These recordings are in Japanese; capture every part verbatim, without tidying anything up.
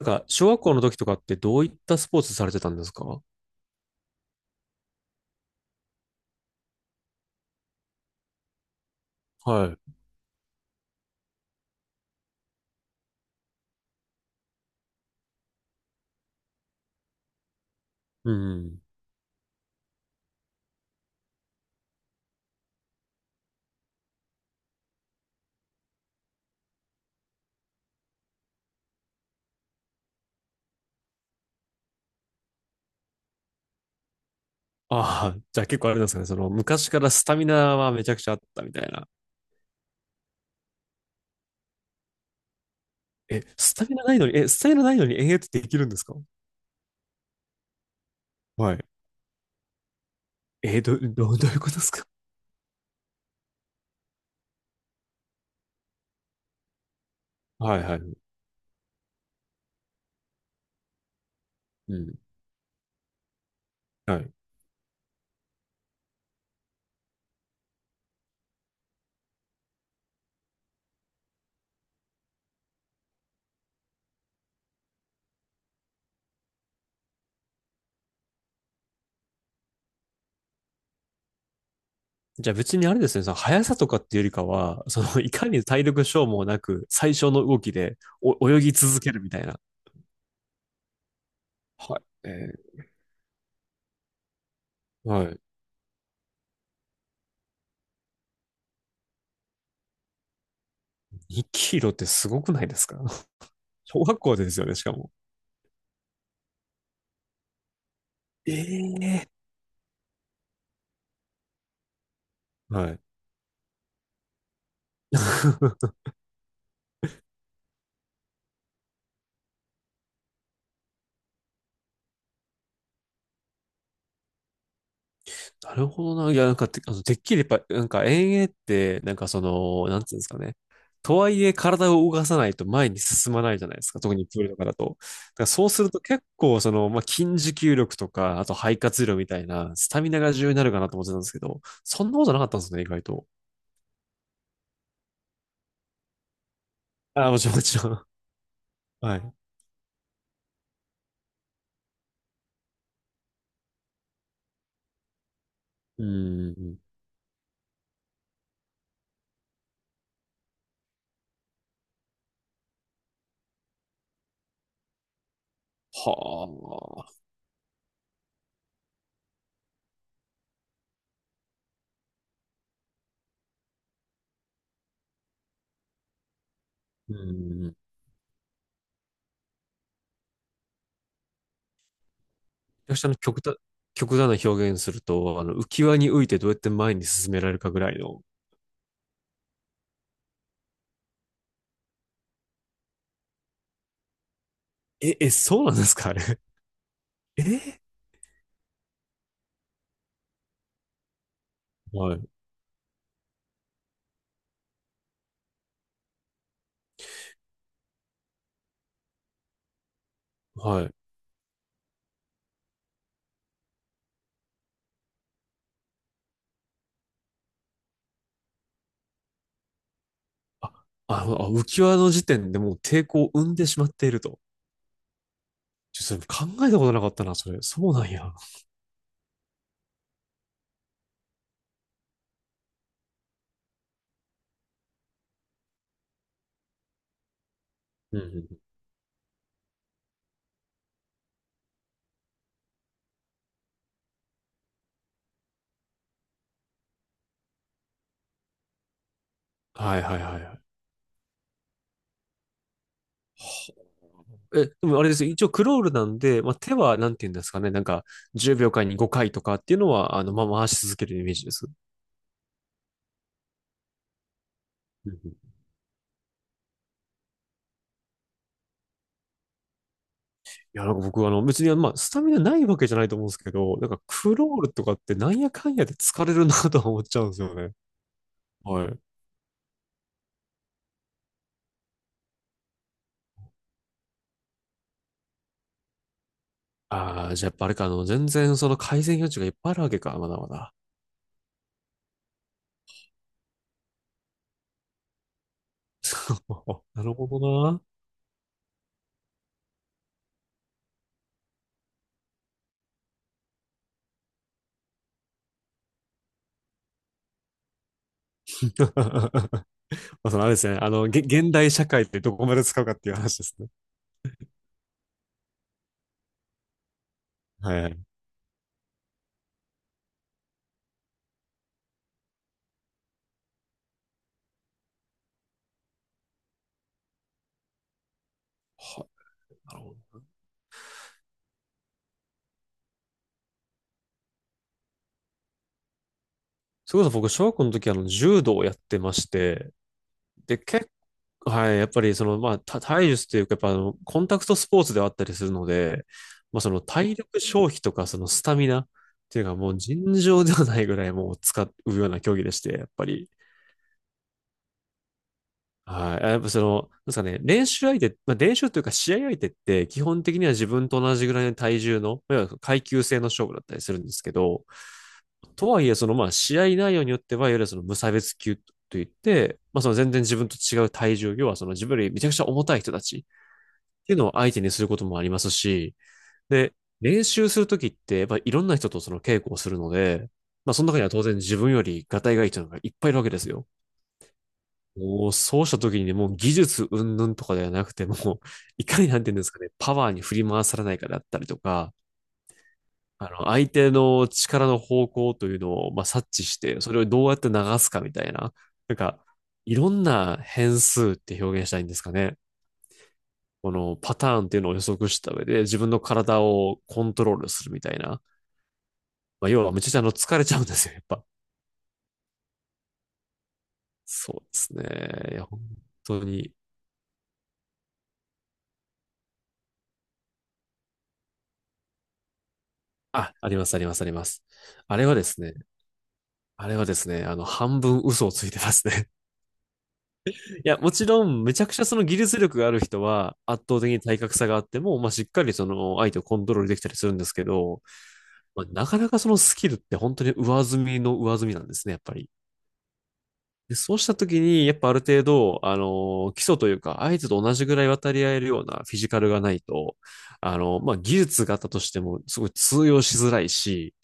なんか、小学校の時とかってどういったスポーツされてたんですか？はい。うん。ああ、じゃあ結構あれなんですかね。その、昔からスタミナはめちゃくちゃあったみたいな。え、スタミナないのに、え、スタミナないのに延々とできるんですか？はい。えー、ど、ど、どういうことですか？はいはい。うん。はい。じゃあ別にあれですね、その速さとかっていうよりかは、その、いかに体力消耗なく最小の動きでお泳ぎ続けるみたいな。はい。えーはい。にキロってすごくないですか？ 小学校でですよね、しかも。ええはい。なるほどな。いや、なんかて、あの、てっきりやっぱ、なんか遠泳って、なんかその、なんていうんですかね。とはいえ体を動かさないと前に進まないじゃないですか。特にプールとかだと。だからそうすると結構その、まあ、筋持久力とか、あと肺活量みたいな、スタミナが重要になるかなと思ってたんですけど、そんなことなかったんですね、意外と。ああ、もちろん、もちろん。はい。うん。はあ。うん。私、あの、極端、極端な表現すると、あの、浮き輪に浮いてどうやって前に進められるかぐらいの、え、え、そうなんですか？あれ。えはい、はい。あ、ああ浮き輪の時点でもう抵抗を生んでしまっていると。ちょっとそれ考えたことなかったな、それ。そうなんや。うんうん。はいはいはいはい。え、でもあれですよ。一応クロールなんで、まあ、手はなんて言うんですかね。なんか、じゅうびょうかんにごかいとかっていうのは、あの、まあ、回し続けるイメージです。うんうん。いや、なんか僕、あの、別に、まあ、スタミナないわけじゃないと思うんですけど、なんか、クロールとかってなんやかんやで疲れるなとは思っちゃうんですよね。はい。ああ、じゃあやっぱあれか、あの、全然その改善余地がいっぱいあるわけか、まだまだ。なるほどな。まあ、そのあれですね、あの、げ、現代社会ってどこまで使うかっていう話ですね。はいはい。は、なるほど。それこそ僕、小学校の時、あの、柔道をやってまして、で、結構、はい、やっぱりその、まあ、た体術というか、やっぱあの、コンタクトスポーツではあったりするので、まあ、その体力消費とか、そのスタミナっていうか、もう尋常ではないぐらいもう使うような競技でして、やっぱり。はい。あやっぱその、なんですかね、練習相手、まあ、練習というか試合相手って基本的には自分と同じぐらいの体重の、いわゆる階級制の勝負だったりするんですけど、とはいえそのまあ試合内容によっては、いわゆるその無差別級といって、まあその全然自分と違う体重、要はその自分よりめちゃくちゃ重たい人たちっていうのを相手にすることもありますし、で、練習するときって、やっぱいろんな人とその稽古をするので、まあその中には当然自分よりガタイがいい人がいっぱいいるわけですよ。もうそうした時にね、もう技術云々とかではなくて、もう いかになんていうんですかね、パワーに振り回されないかだったりとか、あの、相手の力の方向というのを、まあ、察知して、それをどうやって流すかみたいな、なんか、いろんな変数って表現したいんですかね。このパターンっていうのを予測した上で、自分の体をコントロールするみたいな。まあ、要はめちゃくちゃあの疲れちゃうんですよ、やっぱ。そうですね。いや、本当に。あ、あります、あります、あります。あれはですね、あれはですね、あの、半分嘘をついてますね。いや、もちろん、めちゃくちゃその技術力がある人は、圧倒的に体格差があっても、まあ、しっかりその、相手をコントロールできたりするんですけど、まあ、なかなかそのスキルって本当に上積みの上積みなんですね、やっぱり。で、そうした時に、やっぱある程度、あの、基礎というか、相手と同じぐらい渡り合えるようなフィジカルがないと、あの、まあ、技術があったとしても、すごい通用しづらいし、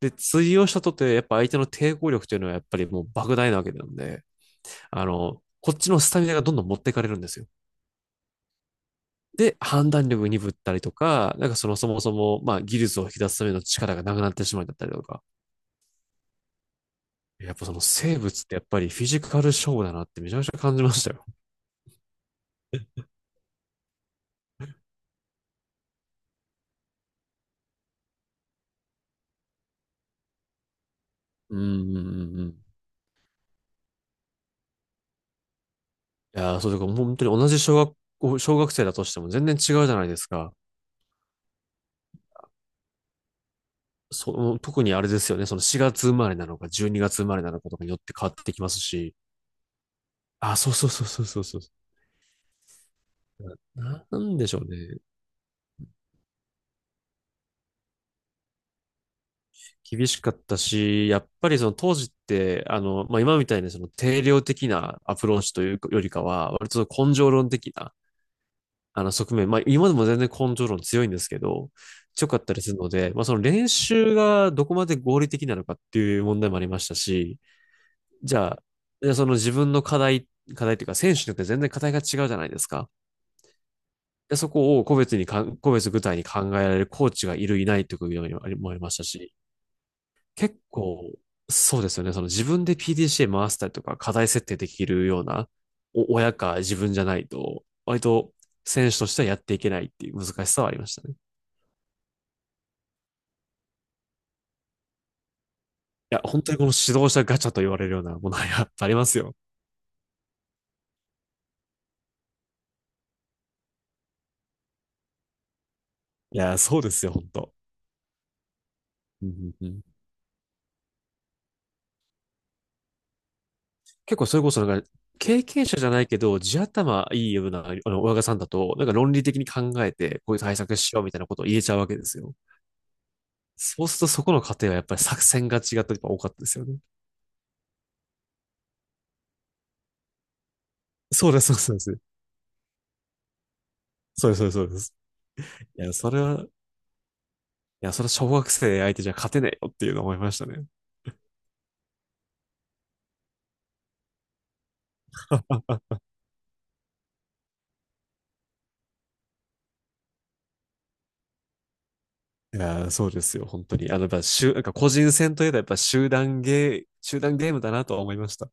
で、通用したとて、やっぱ相手の抵抗力というのはやっぱりもう莫大なわけなんで、あの、こっちのスタミナがどんどん持ってかれるんですよ。で、判断力鈍ったりとか、なんかそのそもそも、まあ技術を引き出すための力がなくなってしまうんだったりとか、やっぱその生物ってやっぱりフィジカル勝負だなってめちゃめちゃ感じましたよ。うんうんうんうん。いやー、そうだかもう本当に同じ小学校、小学生だとしても全然違うじゃないですか。その、特にあれですよね、そのしがつ生まれなのかじゅうにがつ生まれなのかとかによって変わってきますし、あ、そうそうそうそうそうそう。な、なんでしょうね。厳しかったし、やっぱりその当時って、あの、まあ、今みたいにその定量的なアプローチというよりかは、割とその根性論的な、あの側面、まあ、今でも全然根性論強いんですけど、強かったりするので、まあ、その練習がどこまで合理的なのかっていう問題もありましたし、じゃあ、じゃあその自分の課題、課題というか選手によって全然課題が違うじゃないですか。で、そこを個別にかん、個別具体に考えられるコーチがいる、いないということもありもありましたし、結構、そうですよね。その自分で ピーディーシーエー 回したりとか、課題設定できるような、お親か自分じゃないと、割と選手としてはやっていけないっていう難しさはありましたね。いや、本当にこの指導者ガチャと言われるようなものはやっぱありますよ。いや、そうですよ、本当。うんうんうん。結構それこそなんか、経験者じゃないけど、地頭いいような、あの、親御さんだと、なんか論理的に考えて、こういう対策しようみたいなことを言えちゃうわけですよ。そうするとそこの過程はやっぱり作戦が違ったりとか多かったですよね。そうです、そうです。そうです、そうです、そうです。いや、それは、いや、それは小学生相手じゃ勝てないよっていうのを思いましたね。あいや、そうですよ、本当に。あの、やっぱ、集なんか個人戦といえばやっぱ集団ゲー、集団ゲームだなとは思いました。